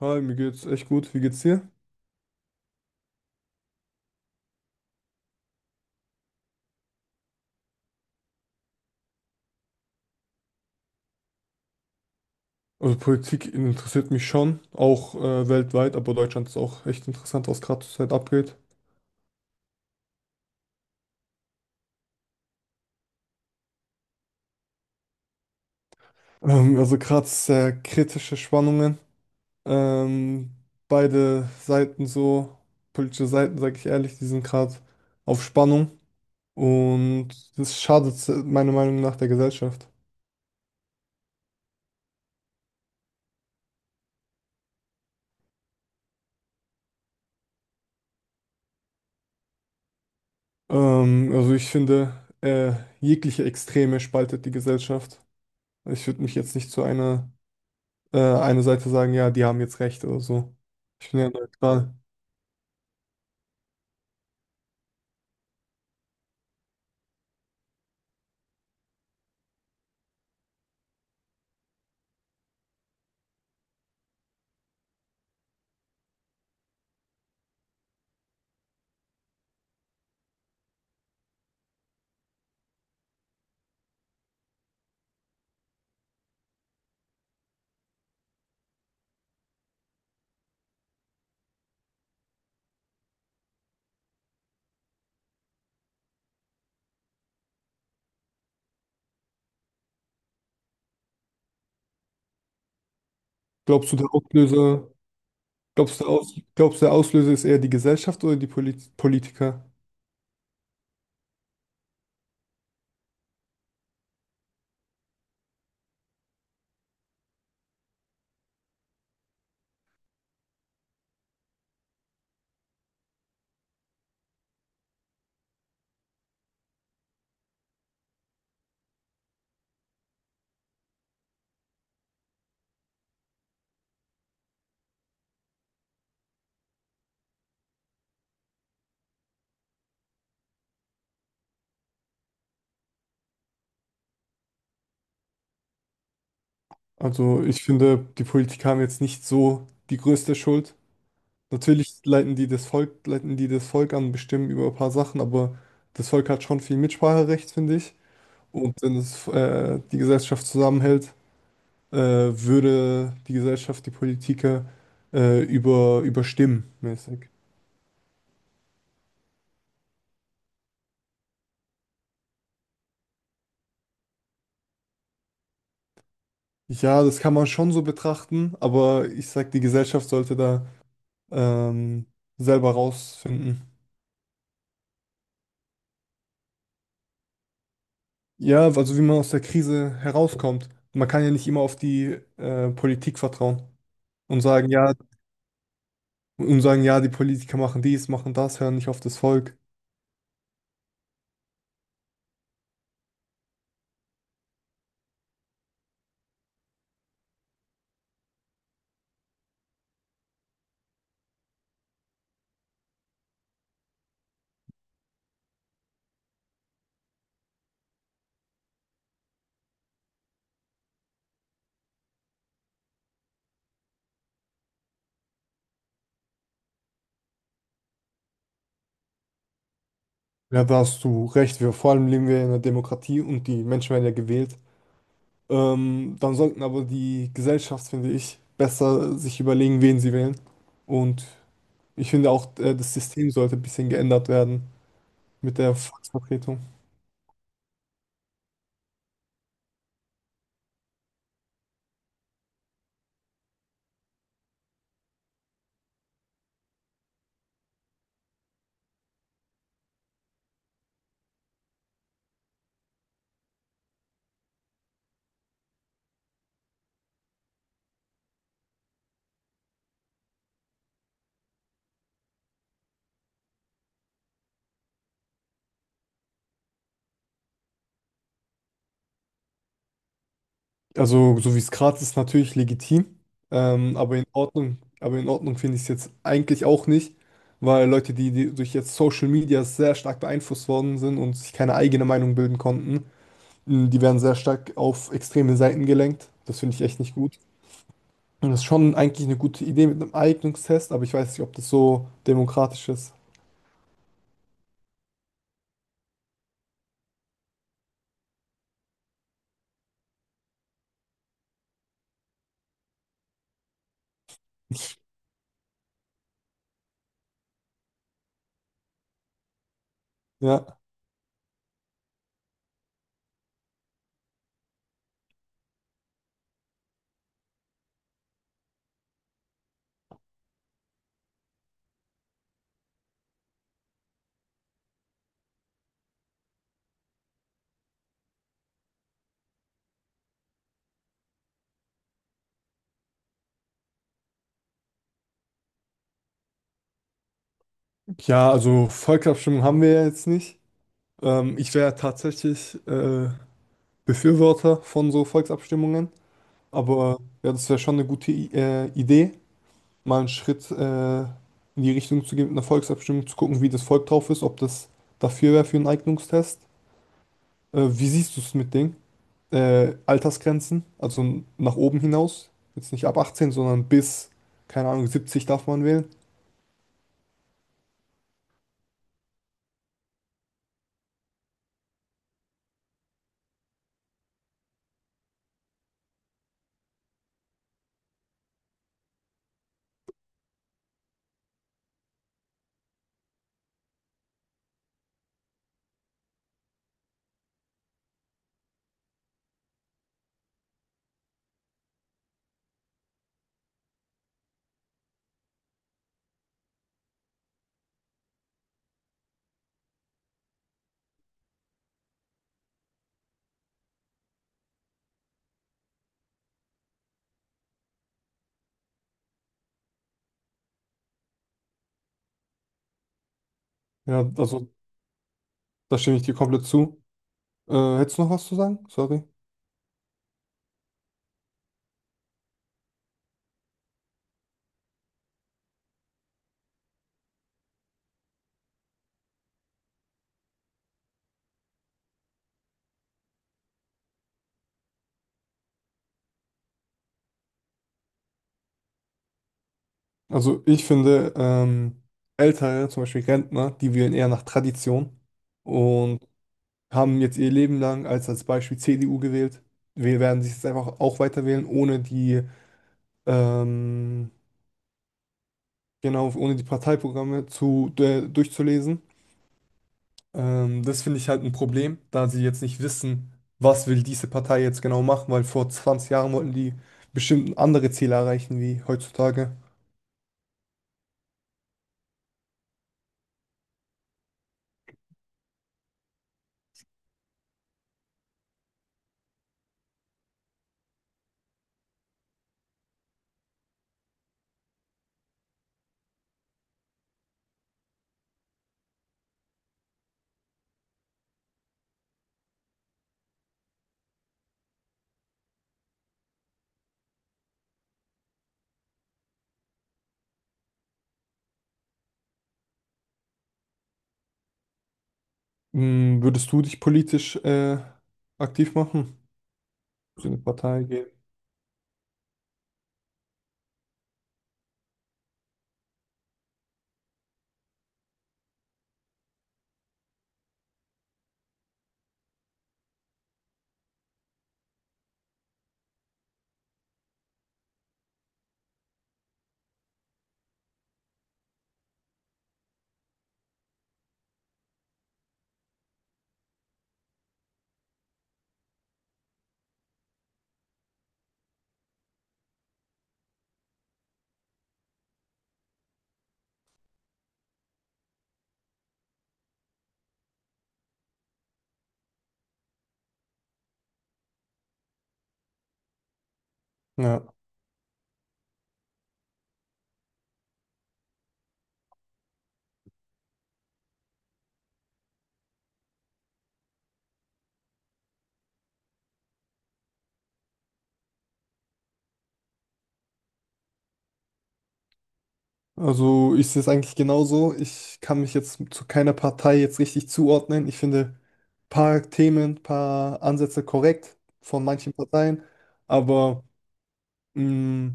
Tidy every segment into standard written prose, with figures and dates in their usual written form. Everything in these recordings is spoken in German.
Hi, mir geht's echt gut. Wie geht's dir? Also Politik interessiert mich schon, auch weltweit, aber Deutschland ist auch echt interessant, was gerade zurzeit abgeht. Also gerade sehr kritische Spannungen. Ähm, Beide Seiten so, politische Seiten, sage ich ehrlich, die sind gerade auf Spannung und das schadet meiner Meinung nach der Gesellschaft. Also ich finde, äh, jegliche Extreme spaltet die Gesellschaft. Ich würde mich jetzt nicht zu einer eine Seite sagen, ja, die haben jetzt recht oder so. Ich bin ja neutral. Glaubst du, der Auslöser, Glaubst du, der Auslöser ist eher die Gesellschaft oder die Politiker? Also ich finde, die Politiker haben jetzt nicht so die größte Schuld. Natürlich leiten die das Volk, leiten die das Volk an, bestimmen über ein paar Sachen, aber das Volk hat schon viel Mitspracherecht, finde ich. Und wenn es die Gesellschaft zusammenhält, würde die Gesellschaft die Politiker überstimmen, mäßig. Ja, das kann man schon so betrachten, aber ich sag, die Gesellschaft sollte da ähm, selber rausfinden. Ja, also wie man aus der Krise herauskommt. Man kann ja nicht immer auf die Politik vertrauen und sagen, ja, und sagen, ja, die Politiker machen dies, machen das, hören nicht auf das Volk. Ja, da hast du recht. Wir, vor allem leben wir in einer Demokratie und die Menschen werden ja gewählt. Dann sollten aber die Gesellschaft, finde ich, besser sich überlegen, wen sie wählen. Und ich finde auch, das System sollte ein bisschen geändert werden, mit der Volksvertretung. Also, so wie es gerade ist, natürlich legitim, aber in Ordnung finde ich es jetzt eigentlich auch nicht, weil Leute, die durch jetzt Social Media sehr stark beeinflusst worden sind und sich keine eigene Meinung bilden konnten, mh, die werden sehr stark auf extreme Seiten gelenkt. Das finde ich echt nicht gut. Und das ist schon eigentlich eine gute Idee mit einem Eignungstest, aber ich weiß nicht, ob das so demokratisch ist. Ja. Ja, also Volksabstimmung haben wir ja jetzt nicht. Ich wäre tatsächlich Befürworter von so Volksabstimmungen. Aber ja, das wäre schon eine gute I Idee, mal einen Schritt in die Richtung zu gehen mit einer Volksabstimmung, zu gucken, wie das Volk drauf ist, ob das dafür wäre für einen Eignungstest. Wie siehst du es mit Ding? Altersgrenzen, also nach oben hinaus. Jetzt nicht ab 18, sondern bis, keine Ahnung, 70 darf man wählen. Ja, also da stimme ich dir komplett zu. Hättest du noch was zu sagen? Sorry. Also ich finde, Ältere, zum Beispiel Rentner, die wählen eher nach Tradition und haben jetzt ihr Leben lang als Beispiel CDU gewählt. Wir werden sich jetzt einfach auch weiter wählen, ohne ähm, genau, ohne die Parteiprogramme zu, durchzulesen. Das finde ich halt ein Problem, da sie jetzt nicht wissen, was will diese Partei jetzt genau machen, weil vor 20 Jahren wollten die bestimmt andere Ziele erreichen wie heutzutage. Hm, würdest du dich politisch, aktiv machen? Für eine Partei gehen. Ja, also ich sehe es eigentlich genauso. Ich kann mich jetzt zu keiner Partei jetzt richtig zuordnen. Ich finde ein paar Themen, ein paar Ansätze korrekt von manchen Parteien, aber mh,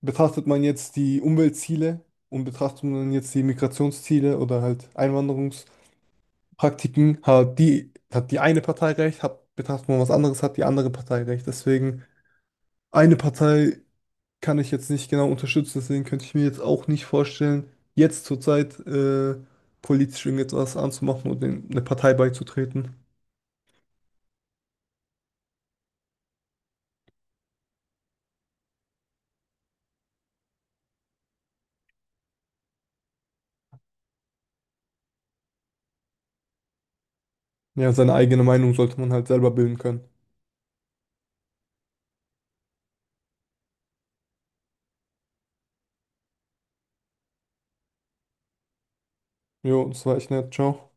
betrachtet man jetzt die Umweltziele und betrachtet man jetzt die Migrationsziele oder halt Einwanderungspraktiken, hat die eine Partei recht, hat, betrachtet man was anderes, hat die andere Partei recht. Deswegen eine Partei kann ich jetzt nicht genau unterstützen, deswegen könnte ich mir jetzt auch nicht vorstellen, jetzt zurzeit politisch irgendetwas anzumachen und in eine Partei beizutreten. Ja, seine eigene Meinung sollte man halt selber bilden können. Jo, das war echt nett. Ciao.